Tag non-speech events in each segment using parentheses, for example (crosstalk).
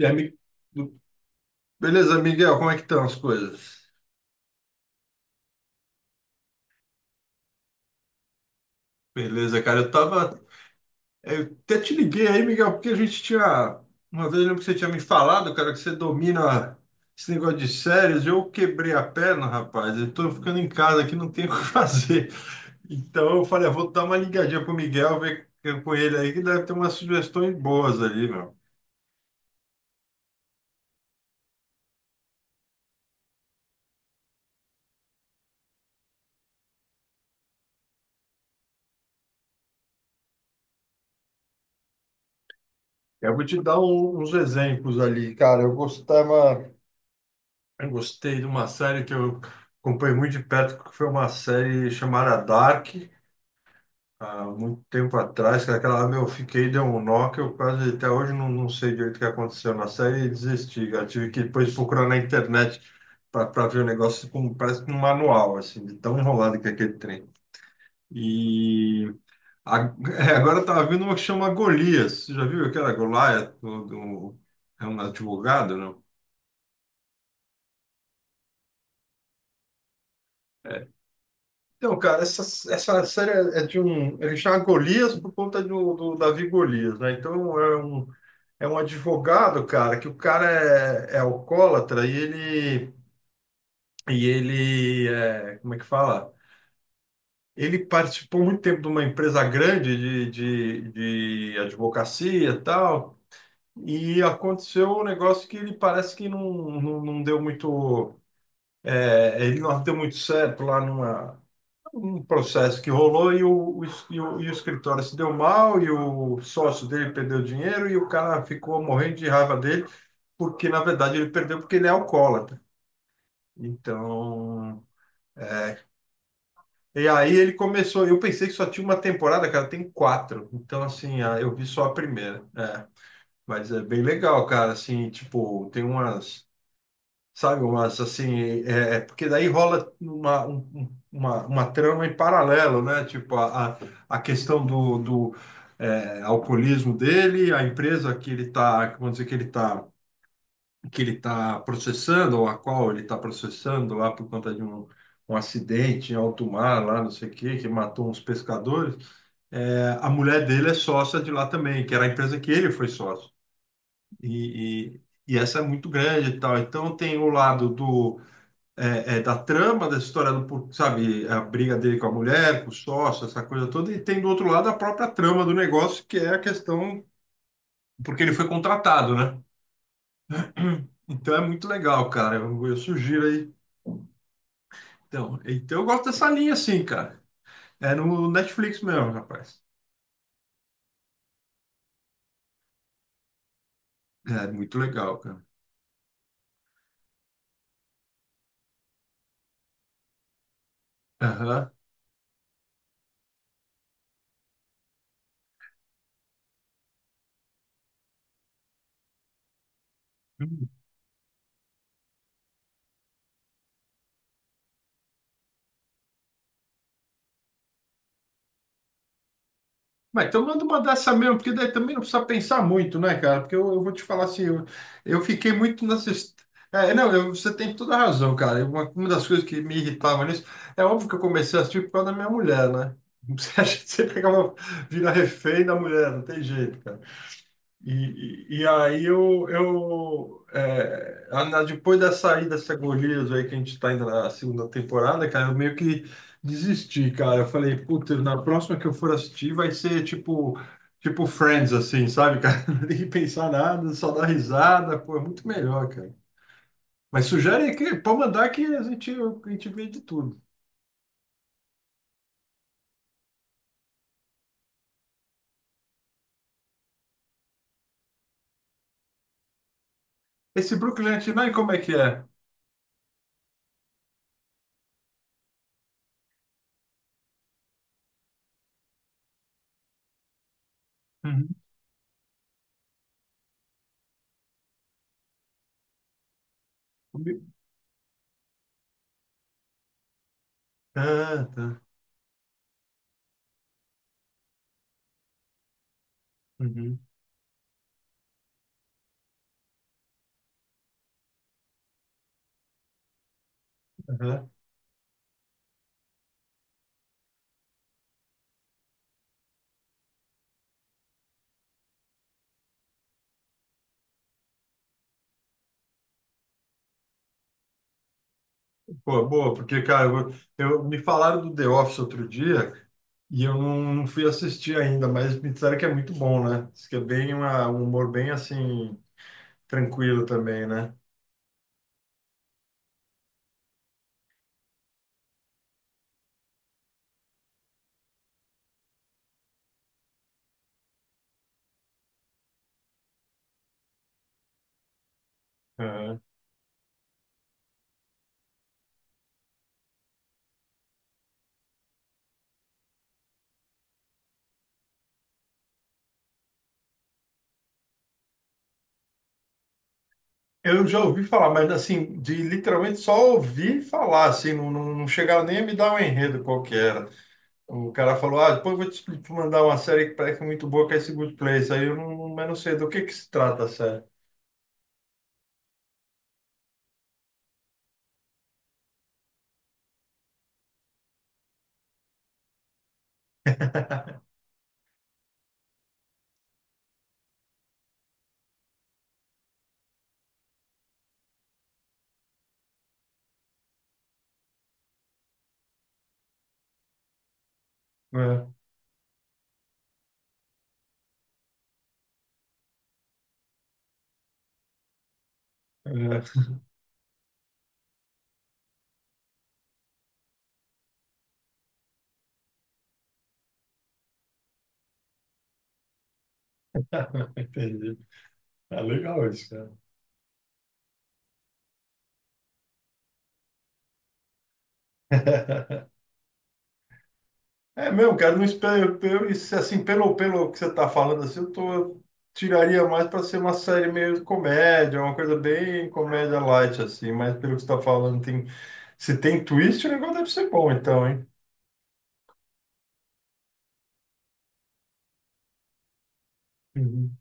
E aí, mi- beleza, Miguel, como é que estão as coisas? Beleza, cara. Eu tava. Eu até te liguei aí, Miguel, porque a gente tinha. Uma vez eu lembro que você tinha me falado, cara, que você domina esse negócio de séries. Eu quebrei a perna, rapaz. Eu tô ficando em casa aqui, não tenho (laughs) o que fazer. Então eu falei, ah, vou dar uma ligadinha pro Miguel, ver com ele aí, que deve ter umas sugestões boas ali, meu. Eu vou te dar uns exemplos ali, cara. Eu gostava. Eu gostei de uma série que eu acompanhei muito de perto, que foi uma série chamada Dark, há muito tempo atrás, que é aquela lá, meu, eu fiquei, deu um nó, que eu quase até hoje não sei direito o que aconteceu na série e desisti. Eu tive que depois procurar na internet para ver o negócio, como, parece que um manual, assim, de tão enrolado que é aquele trem. E a- (laughs) é, agora eu tava vendo uma que chama Golias, você já viu aquela Golias, do é um advogado, não? Então, cara, essa série é de um. Ele chama Golias por conta do Davi Golias, né? Então é um advogado, cara, que o cara é alcoólatra e ele. E ele. É, como é que fala? Ele participou muito tempo de uma empresa grande de advocacia e tal. E aconteceu um negócio que ele parece que não, não, não deu muito. É, ele não deu muito certo lá numa um processo que rolou e o escritório se deu mal, e o sócio dele perdeu dinheiro, e o cara ficou morrendo de raiva dele, porque na verdade ele perdeu porque ele é alcoólatra. Então. E aí ele começou. Eu pensei que só tinha uma temporada, cara, tem quatro. Então, assim, ah, eu vi só a primeira. É. Mas é bem legal, cara. Assim, tipo, tem umas. Sabe, mas assim, é porque daí rola uma, uma trama em paralelo, né? Tipo, a a questão do é, alcoolismo dele, a empresa que ele tá, vamos dizer, que ele tá processando, ou a qual ele está processando lá por conta de um, um acidente em alto mar, lá não sei o quê, que matou uns pescadores. É, a mulher dele é sócia de lá também, que era a empresa que ele foi sócio. E, e essa é muito grande e tal. Então tem o lado do da trama dessa história, sabe, a briga dele com a mulher, com o sócio, essa coisa toda, e tem do outro lado a própria trama do negócio, que é a questão, porque ele foi contratado, né? Então é muito legal, cara. Eu sugiro aí. Então, então eu gosto dessa linha, assim, cara. É no Netflix mesmo, rapaz. É muito legal, cara. Aham. Mas então manda uma dessa mesmo, porque daí também não precisa pensar muito, né, cara? Porque eu vou te falar assim, eu fiquei muito nessa. É, não, você tem toda a razão, cara. Uma das coisas que me irritava nisso, é óbvio que eu comecei a assistir por causa da minha mulher, né? (laughs) Você acha que você pegava, vira refém da mulher, não tem jeito, cara. E, eu é, depois da saída dessa Gorilas aí que a gente está indo na segunda temporada, cara, eu meio que desisti, cara. Eu falei, puta, na próxima que eu for assistir vai ser tipo Friends, assim, sabe, cara? (laughs) Não tem que pensar nada, só dar risada, pô, é muito melhor, cara. Mas sugere aí que pode mandar que a gente vê de tudo. Esse Brooklyn Nine-Nine, como é que é? Uhum. Ah, tá. Uhum. Aham. Pô, boa, porque, cara, eu, me falaram do The Office outro dia e eu não fui assistir ainda, mas me disseram que é muito bom, né? Diz que é bem um humor bem assim, tranquilo também, né? É. Eu já ouvi falar, mas assim, de literalmente só ouvir falar, assim, não chegaram nem a me dar um enredo qualquer. O cara falou, ah, depois eu vou te te mandar uma série que parece que é muito boa, que é esse Good Place. Aí eu não, mas não sei do que se trata a série. É, é. (laughs) Entendi. É legal isso, cara. (laughs) É mesmo, cara, não espero, eu, isso, assim, pelo, pelo que você tá falando, assim, eu tiraria mais para ser uma série meio comédia, uma coisa bem comédia light, assim, mas pelo que você tá falando, tem, se tem twist, o negócio deve ser bom, então, hein? Uhum.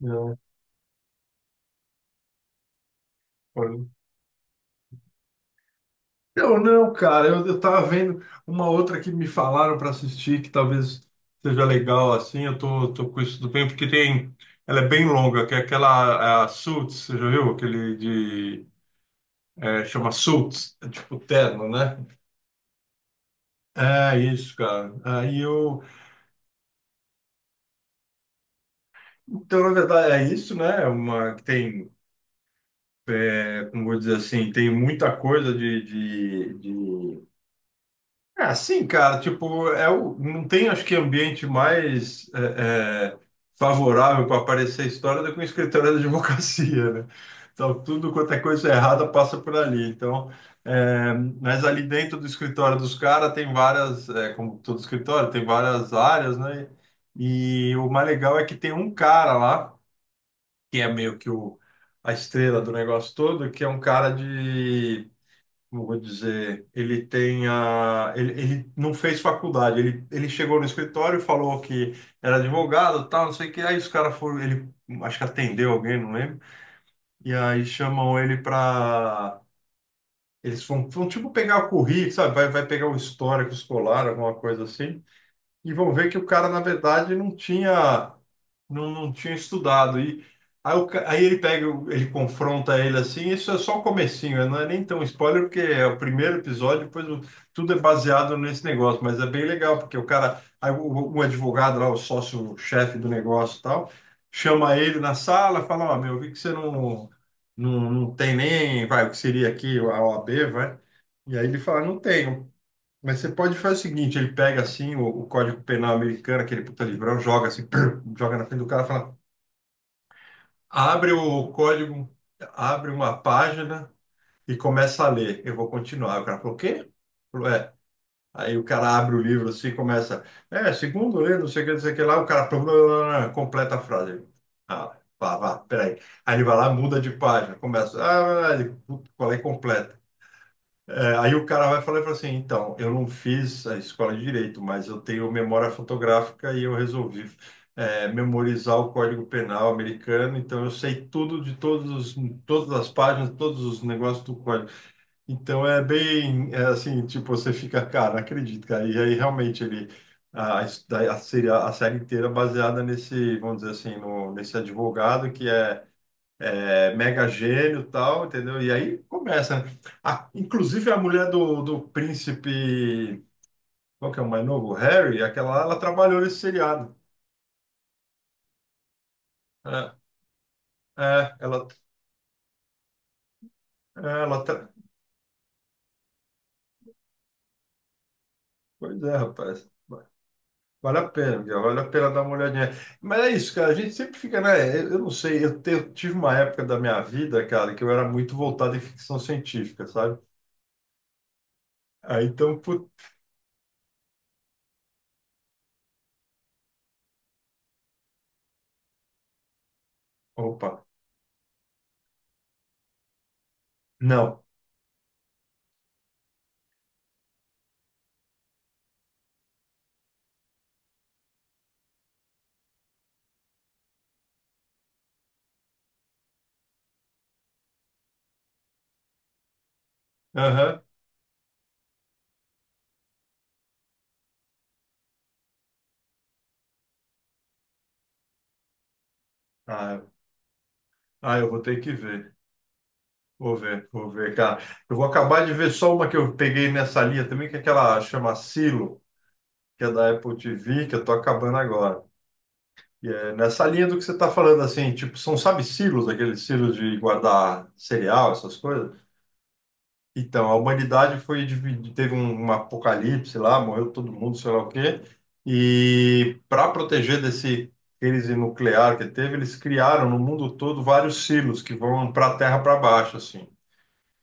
Não, foi- Não, não, cara, eu tava vendo uma outra que me falaram para assistir, que talvez seja legal, assim, eu tô, tô com isso do bem, porque tem, ela é bem longa, que é aquela, a Suits, você já viu? Aquele de É, chama suits, é tipo terno, né? É isso, cara. Aí eu. Então, na verdade, é isso, né? É uma que tem, é, como vou dizer assim, tem muita coisa de É, sim, cara, tipo, é o, não tem, acho que, ambiente mais é, favorável para aparecer a história do que um escritório de (laughs) advocacia, né? Então, tudo quanto é coisa errada passa por ali. Então, é, mas ali dentro do escritório dos caras tem várias, é, como todo escritório, tem várias áreas, né? E o mais legal é que tem um cara lá, que é meio que o, a estrela do negócio todo, que é um cara de como eu vou dizer, ele tem a, ele não fez faculdade, ele chegou no escritório, e falou que era advogado, tal, não sei o que, aí os caras foram, ele acho que atendeu alguém, não lembro, e aí chamam ele para, eles vão, vão tipo pegar o currículo, sabe, vai, vai pegar o histórico escolar, alguma coisa assim, e vão ver que o cara, na verdade, não tinha, não tinha estudado. E aí, ele pega, ele confronta ele assim, isso é só o comecinho, né? Não é nem tão spoiler, porque é o primeiro episódio, depois tudo é baseado nesse negócio, mas é bem legal, porque o cara, um advogado lá, o sócio-chefe do negócio e tal, chama ele na sala, fala, ó, meu, eu vi que você não tem nem, vai, o que seria aqui, a OAB, vai. E aí ele fala, não tenho. Mas você pode fazer o seguinte, ele pega assim o Código Penal americano, aquele puta livrão, joga assim, (clears throat) (grunts) joga na frente do cara, e fala, abre o código, abre uma página e começa a ler. Eu vou continuar. O cara falou, o quê? Falou, é. Aí o cara abre o livro assim, e começa, é, segundo lê, não sei o que, não sei o que lá, o cara blá, blá, blá, blá, completa a frase. Ele, ah, vá, vá, peraí. Aí ele vai lá, muda de página, começa, ah, ele, puta, qual é completa? É, aí o cara vai falar e fala assim, então, eu não fiz a escola de direito, mas eu tenho memória fotográfica e eu resolvi é, memorizar o Código Penal americano, então eu sei tudo de todos os, todas as páginas, todos os negócios do código. Então é bem é assim, tipo, você fica, cara, não acredito, cara. E aí realmente ele a, a, a série inteira é baseada nesse, vamos dizer assim, no, nesse advogado que é mega gênio e tal, entendeu? E aí começa, né? Inclusive a mulher do príncipe, qual que é o mais novo? O Harry, aquela, lá, ela trabalhou nesse seriado. É, é, ela, é, pois é, rapaz. Vale a pena, Miguel, vale a pena dar uma olhadinha. Mas é isso, cara, a gente sempre fica, né? Eu não sei, eu, eu tive uma época da minha vida, cara, que eu era muito voltado em ficção científica, sabe? Aí então, put... opa, não. Aham. Ah, ah, eu vou ter que ver. Vou ver, vou ver, cara. Eu vou acabar de ver só uma que eu peguei nessa linha também, que é aquela chama Silo, que é da Apple TV, que eu tô acabando agora. E é nessa linha do que você tá falando, assim, tipo, são, sabe, silos, aqueles silos de guardar cereal, essas coisas? Então, a humanidade foi dividida, teve um, um apocalipse lá, morreu todo mundo, sei lá o quê. E para proteger desse crise nuclear que teve, eles criaram no mundo todo vários silos que vão para a terra para baixo, assim.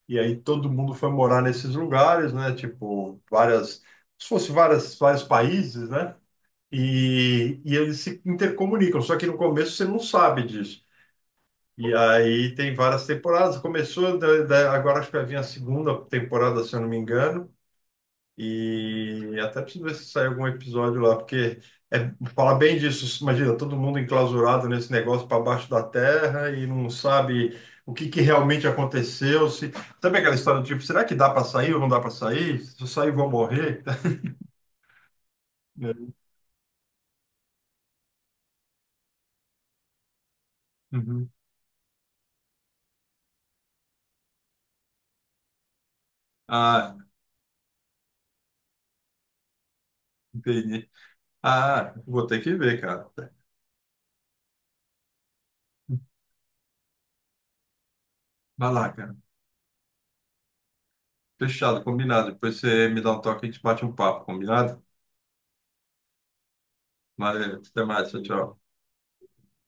E aí todo mundo foi morar nesses lugares, né? Tipo, várias, se fosse várias, vários países, né? E eles se intercomunicam, só que no começo você não sabe disso. E aí tem várias temporadas. Começou, agora acho que vai vir a segunda temporada, se eu não me engano. E até preciso ver se sai algum episódio lá, porque é falar bem disso. Imagina, todo mundo enclausurado nesse negócio para baixo da terra e não sabe o que, que realmente aconteceu. Se... Sabe aquela história do tipo, será que dá para sair ou não dá para sair? Se eu sair, vou morrer. (laughs) É. Uhum. Ah, entendi. Ah, vou ter que ver, cara. Vai lá, cara. Fechado, combinado. Depois você me dá um toque e a gente bate um papo, combinado? Valeu, até mais, tchau, tchau.